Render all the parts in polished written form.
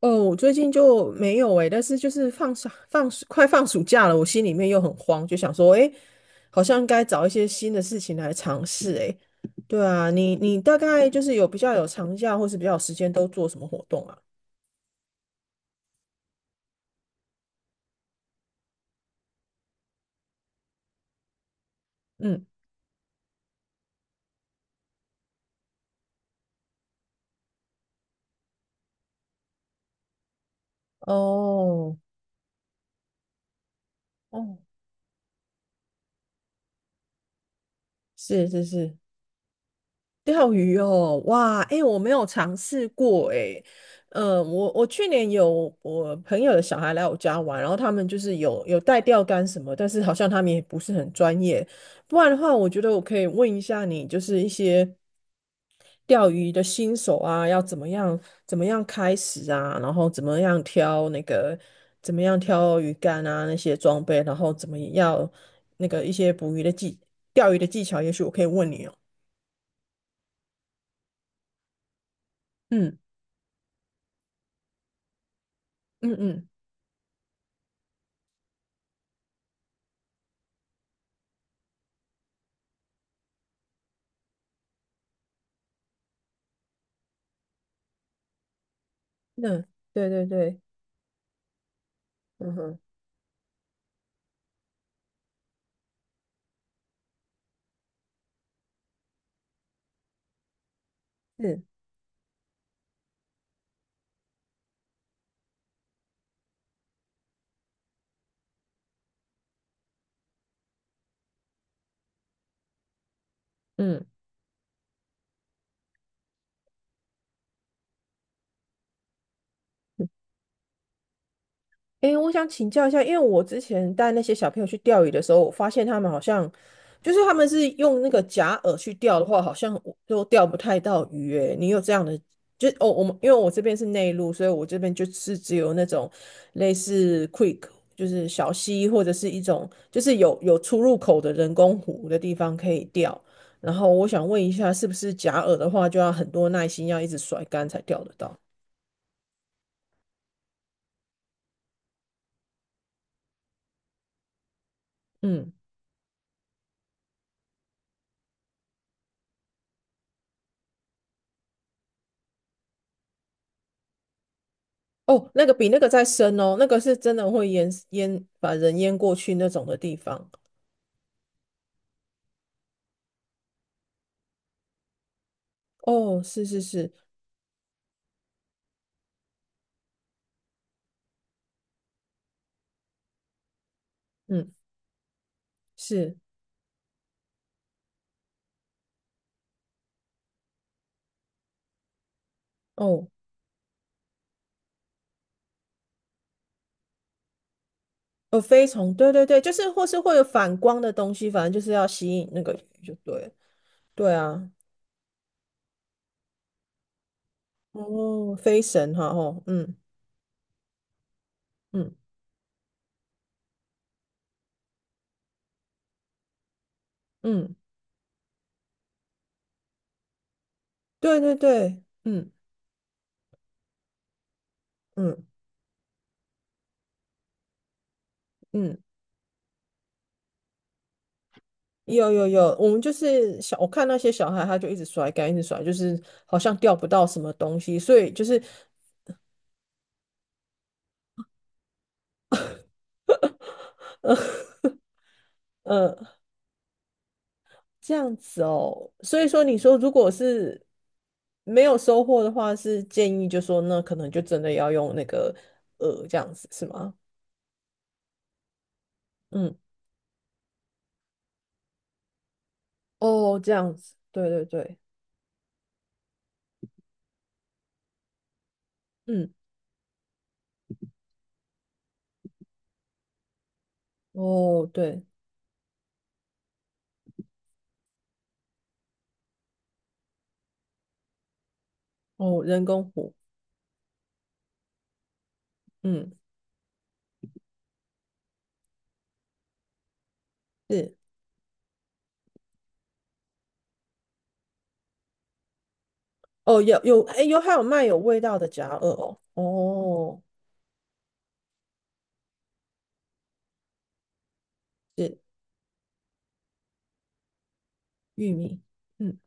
哦，我最近就没有诶，但是就是放暑放暑快放暑假了，我心里面又很慌，就想说，诶，好像该找一些新的事情来尝试诶。对啊，你大概就是有比较有长假或是比较有时间都做什么活动啊？嗯，哦，哦，是是是，钓鱼哦，哇，哎、我没有尝试过、诶哎，我去年有我朋友的小孩来我家玩，然后他们就是有带钓竿什么，但是好像他们也不是很专业，不然的话，我觉得我可以问一下你，就是一些钓鱼的新手啊，要怎么样开始啊，然后怎么样挑鱼竿啊那些装备，然后怎么样那个一些捕鱼的技钓鱼的技巧，也许我可以问你哦。嗯嗯嗯嗯，对对对，嗯哼，是，嗯，诶，我想请教一下，因为我之前带那些小朋友去钓鱼的时候，我发现他们好像，就是他们是用那个假饵去钓的话，好像我都钓不太到鱼。诶，你有这样的，就哦，我们因为我这边是内陆，所以我这边就是只有那种类似 quick 就是小溪或者是一种就是有出入口的人工湖的地方可以钓。然后我想问一下，是不是假饵的话，就要很多耐心，要一直甩竿才钓得到？嗯，哦，那个比那个再深哦，那个是真的会把人淹过去那种的地方。哦，是是是，嗯，是哦，飞虫，对对对，就是或是会有反光的东西，反正就是要吸引那个鱼就对了对啊，哦，飞神哈，哦，嗯嗯嗯，对对对，嗯嗯嗯，有有有，我们就是小，我看那些小孩，他就一直甩竿，一直甩，就是好像钓不到什么东西，所以就是。嗯嗯这样子哦，所以说你说如果是没有收获的话，是建议就说那可能就真的要用这样子是吗？嗯，哦，这样子，对对对，嗯，哦对，哦人工湖，嗯是，哦有哎有还有卖有味道的夹耳哦，哦是玉米，嗯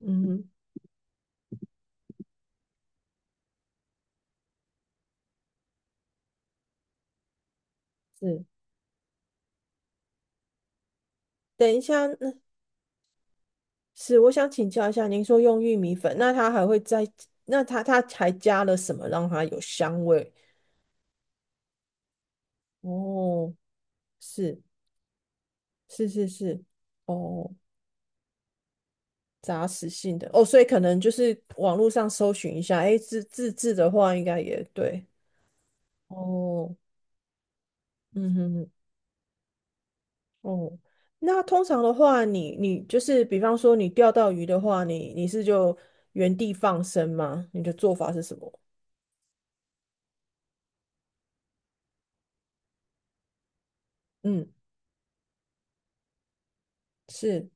嗯哼是，等一下，那是，我想请教一下，您说用玉米粉，那它还会再，那它还加了什么让它有香味？哦，是是是是，哦，杂食性的，哦，所以可能就是网络上搜寻一下，诶，自制的话应该也对，哦，嗯哼哼，哦，那通常的话你就是比方说你钓到鱼的话，你是就原地放生吗？你的做法是什么？嗯，是，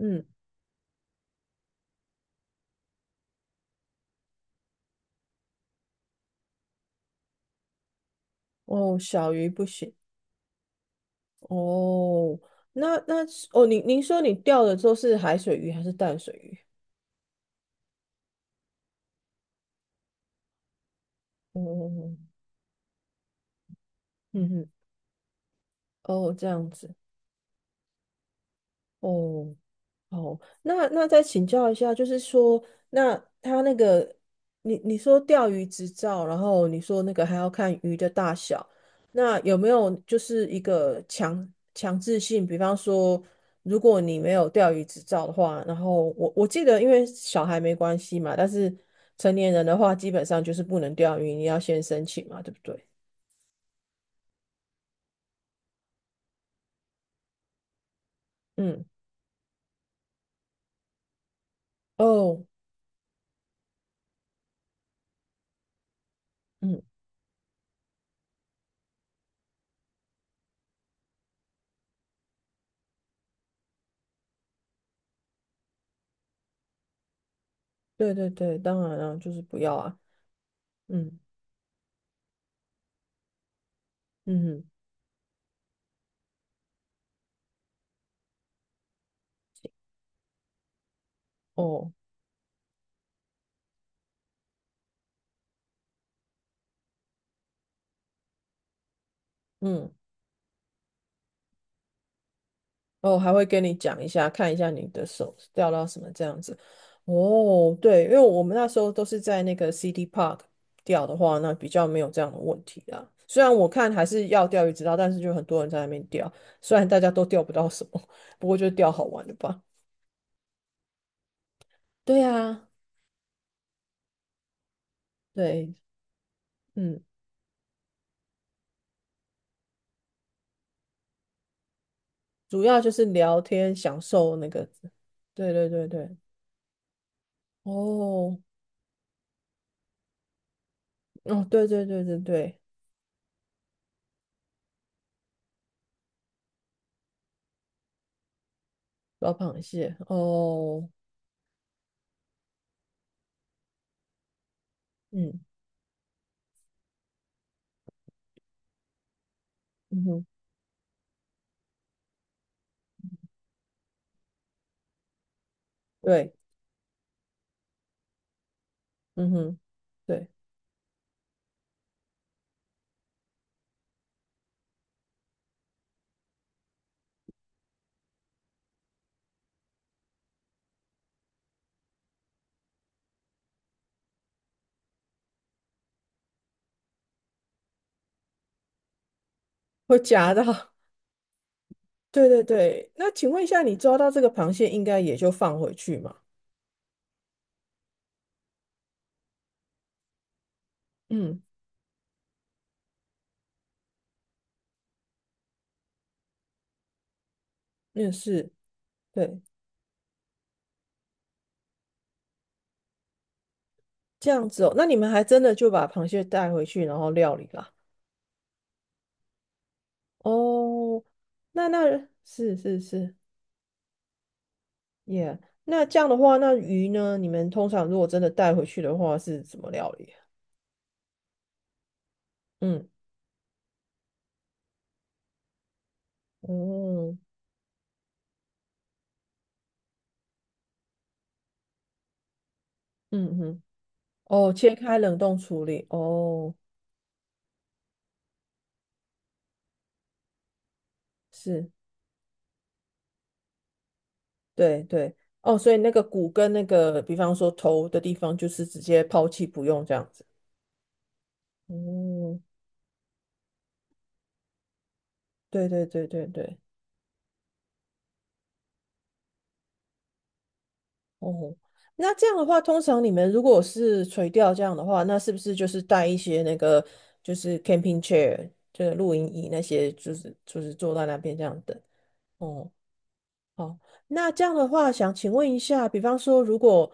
嗯，哦，小鱼不行。哦，那是哦，您说你钓的都是海水鱼还是淡水鱼？哦，嗯哼，哦，这样子，哦，哦，那再请教一下，就是说，那他那个，你说钓鱼执照，然后你说那个还要看鱼的大小，那有没有就是一个强制性？比方说，如果你没有钓鱼执照的话，然后我记得，因为小孩没关系嘛，但是成年人的话，基本上就是不能钓鱼，你要先申请嘛，对不对？嗯，哦，嗯，对对对，当然啊，就是不要啊，嗯嗯哼，哦，嗯。哦，还会跟你讲一下，看一下你的手掉到什么这样子。哦，对，因为我们那时候都是在那个 City Park 钓的话，那比较没有这样的问题啦。虽然我看还是要钓鱼执照，但是就很多人在那边钓，虽然大家都钓不到什么，不过就钓好玩的吧。对啊，对，嗯，主要就是聊天，享受那个，对对对对，哦，哦，对对对对对，老螃蟹，哦，嗯嗯哼，对，嗯哼。对，会夹到。对对对，那请问一下，你抓到这个螃蟹，应该也就放回去嘛？嗯，也是，对，这样子哦。那你们还真的就把螃蟹带回去，然后料理啦。哦，那是是是耶。那这样的话，那鱼呢？你们通常如果真的带回去的话，是怎么料理啊？嗯，哦，嗯哼，哦，切开冷冻处理，哦，是。对对，哦，所以那个骨跟那个，比方说头的地方，就是直接抛弃不用这样子。嗯，对对对对对，哦，那这样的话，通常你们如果是垂钓这样的话，那是不是就是带一些那个就是 camping chair，就是露营椅那些，就是坐在那边这样等？哦，好，那这样的话，想请问一下，比方说，如果，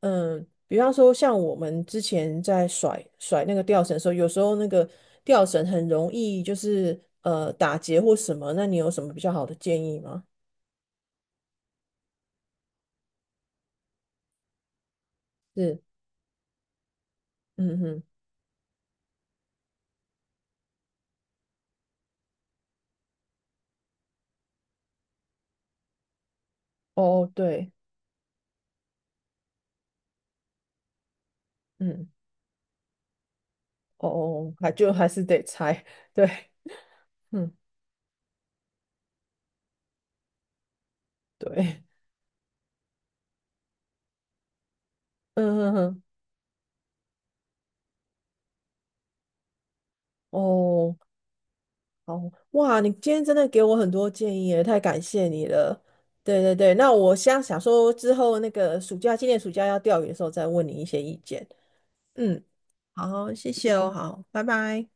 嗯，比方说像我们之前在甩甩那个吊绳的时候，有时候那个吊绳很容易就是打结或什么，那你有什么比较好的建议吗？是，嗯哼，哦，对，嗯，哦哦，还就还是得拆，对，嗯，对，嗯哼哼，哦，哦，哇，你今天真的给我很多建议耶，太感谢你了。对对对，那我想想说之后那个暑假，今年暑假要钓鱼的时候再问你一些意见。嗯，好，谢谢哦，好，拜拜。